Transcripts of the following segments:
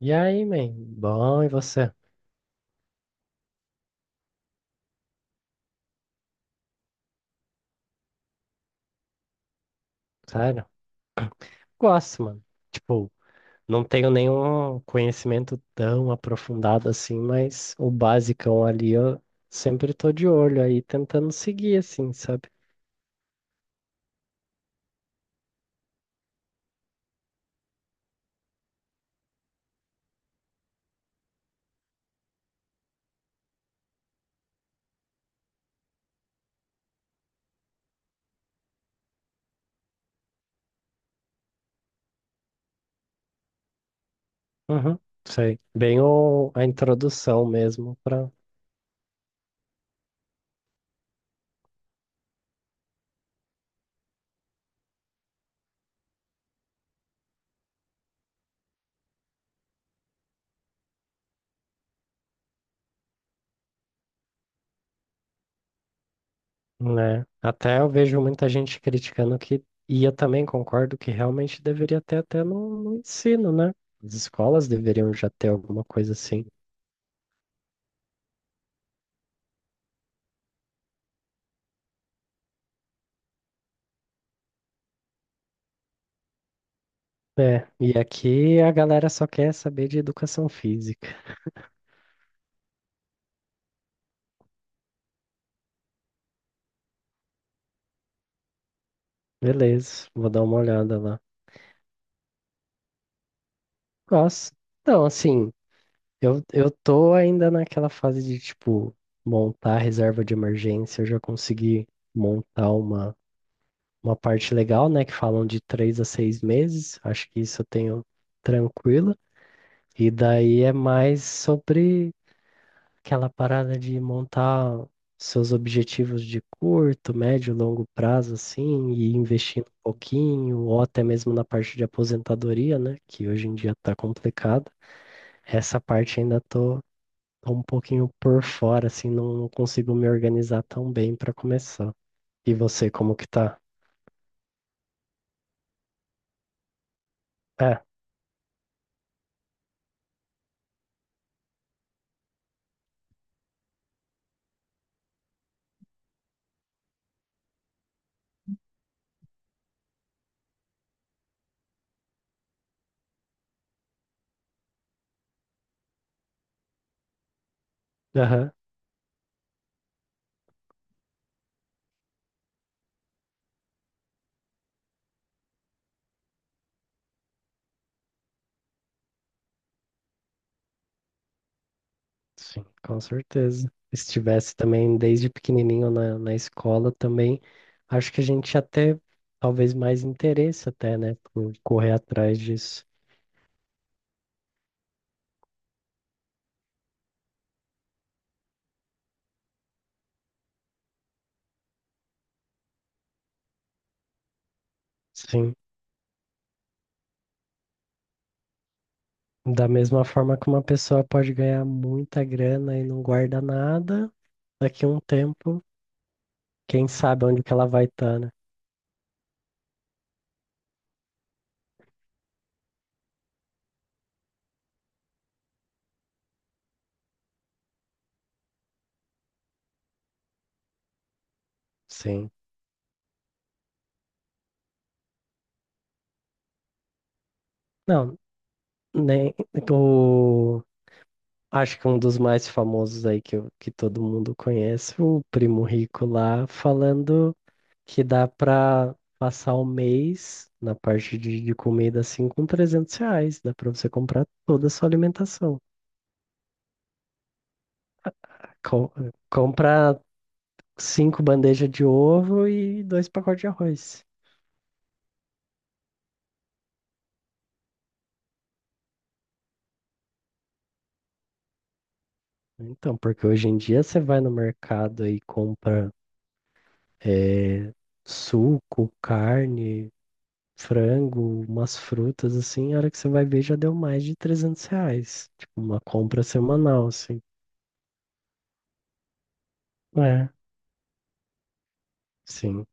E aí, man? Bom, e você? Sério? Gosto, mano. Tipo, não tenho nenhum conhecimento tão aprofundado assim, mas o basicão ali eu sempre tô de olho aí, tentando seguir assim, sabe? Uhum, sei. Bem a introdução mesmo pra, né? Até eu vejo muita gente criticando que, e eu também concordo que realmente deveria ter até no ensino, né? As escolas deveriam já ter alguma coisa assim. É, e aqui a galera só quer saber de educação física. Beleza, vou dar uma olhada lá. Gosto. Então, assim, eu tô ainda naquela fase de, tipo, montar reserva de emergência. Eu já consegui montar uma parte legal, né? Que falam de 3 a 6 meses. Acho que isso eu tenho tranquilo. E daí é mais sobre aquela parada de montar seus objetivos de curto, médio, longo prazo, assim, e investindo um pouquinho, ou até mesmo na parte de aposentadoria, né? Que hoje em dia tá complicado. Essa parte ainda tô um pouquinho por fora, assim, não consigo me organizar tão bem para começar. E você, como que tá? É, aham. Sim, com certeza. Se tivesse também desde pequenininho na escola também, acho que a gente ia ter talvez mais interesse até, né, por correr atrás disso. Sim. Da mesma forma que uma pessoa pode ganhar muita grana e não guarda nada, daqui a um tempo, quem sabe onde que ela vai estar, né? Sim. Não, nem o acho que um dos mais famosos aí que, que todo mundo conhece, o primo rico lá falando que dá pra passar o mês na parte de comida assim com 300 reais. Dá pra você comprar toda a sua alimentação. Com, compra cinco bandejas de ovo e dois pacotes de arroz. Então, porque hoje em dia você vai no mercado e compra eh, suco, carne, frango, umas frutas assim, a hora que você vai ver já deu mais de 300 reais. Tipo, uma compra semanal, assim. É. Sim.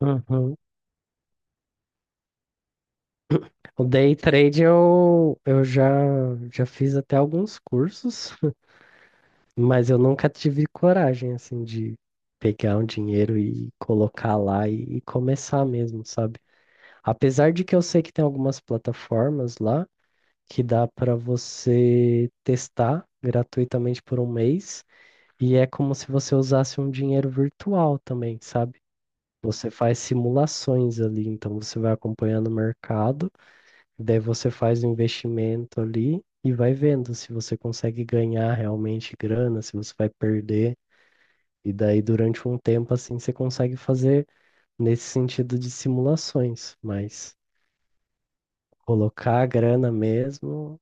Uhum. O day trade eu, eu já fiz até alguns cursos, mas eu nunca tive coragem assim de pegar um dinheiro e colocar lá e começar mesmo, sabe? Apesar de que eu sei que tem algumas plataformas lá que dá para você testar gratuitamente por um mês e é como se você usasse um dinheiro virtual também, sabe? Você faz simulações ali, então você vai acompanhando o mercado. Daí você faz o investimento ali e vai vendo se você consegue ganhar realmente grana, se você vai perder. E daí, durante um tempo, assim, você consegue fazer nesse sentido de simulações, mas colocar a grana mesmo.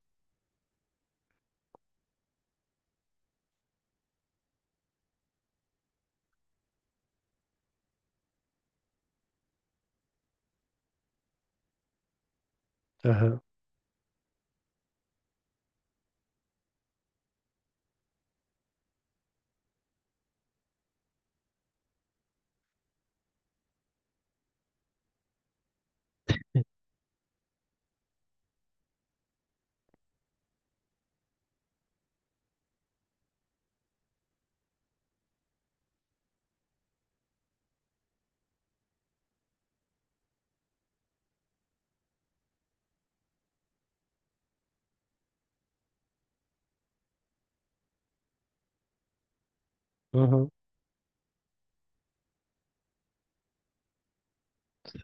Aham, uhum,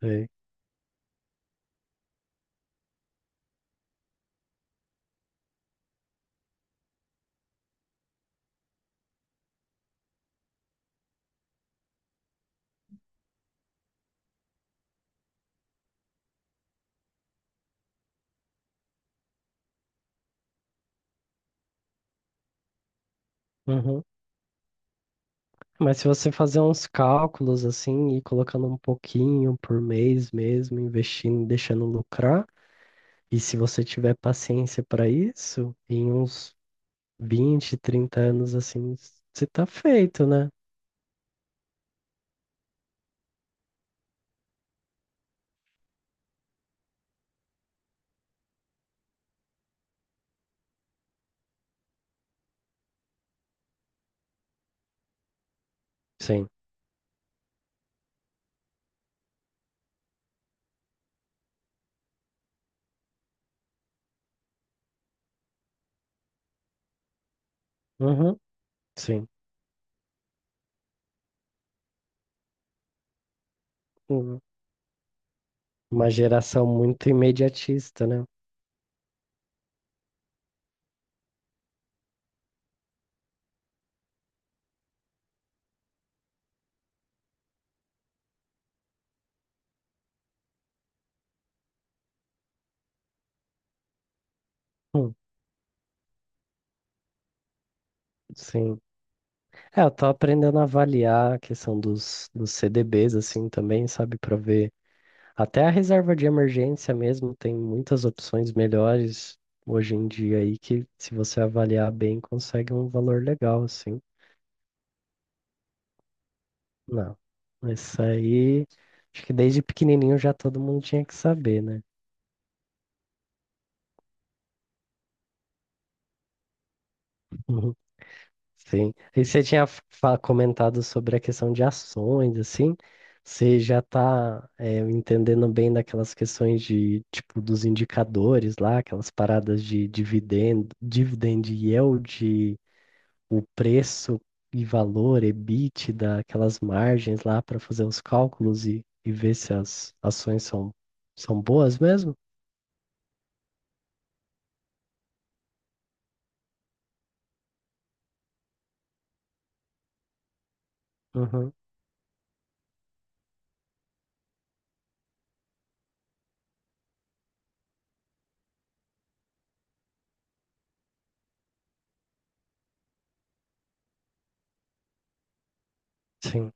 sei. Uhum. Mas se você fazer uns cálculos, assim, e ir colocando um pouquinho por mês mesmo, investindo, deixando lucrar, e se você tiver paciência para isso, em uns 20, 30 anos assim, você tá feito, né? Sim. Uhum. Sim. Uhum. Uma geração muito imediatista, né? Hum, sim. É, eu tô aprendendo a avaliar a questão dos CDBs, assim, também, sabe? Pra ver. Até a reserva de emergência mesmo tem muitas opções melhores hoje em dia aí que, se você avaliar bem, consegue um valor legal, assim. Não. Isso aí, acho que desde pequenininho já todo mundo tinha que saber, né? Sim. E você tinha comentado sobre a questão de ações, assim. Você já está entendendo bem daquelas questões de, tipo, dos indicadores lá, aquelas paradas de dividendo, dividend yield, o preço e valor, EBITDA, aquelas margens lá para fazer os cálculos e ver se as ações são boas mesmo? Uhum. Sim.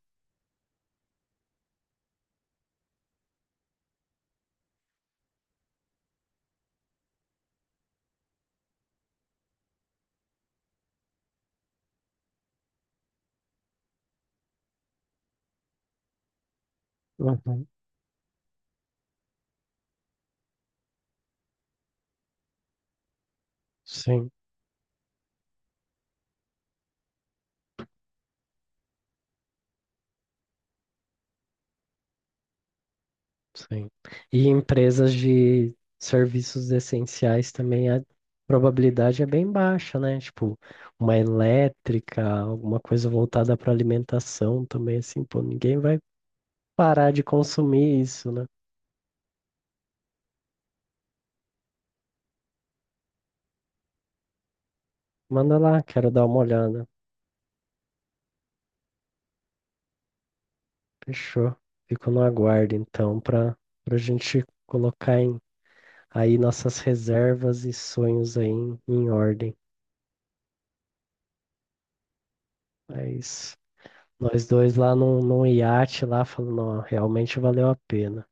Uhum. Sim. Sim. E empresas de serviços essenciais também a probabilidade é bem baixa, né? Tipo, uma elétrica, alguma coisa voltada para alimentação também, assim, pô, ninguém vai parar de consumir isso, né? Manda lá, quero dar uma olhada. Fechou. Fico no aguardo, então, para a gente colocar em, aí nossas reservas e sonhos aí em, em ordem. É isso. Nós dois lá num, num iate lá falando, ó, realmente valeu a pena.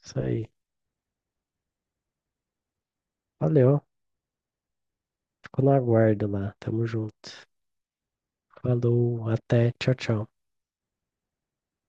Isso aí. Valeu. Fico no aguardo lá. Tamo junto. Falou, até. Tchau, tchau.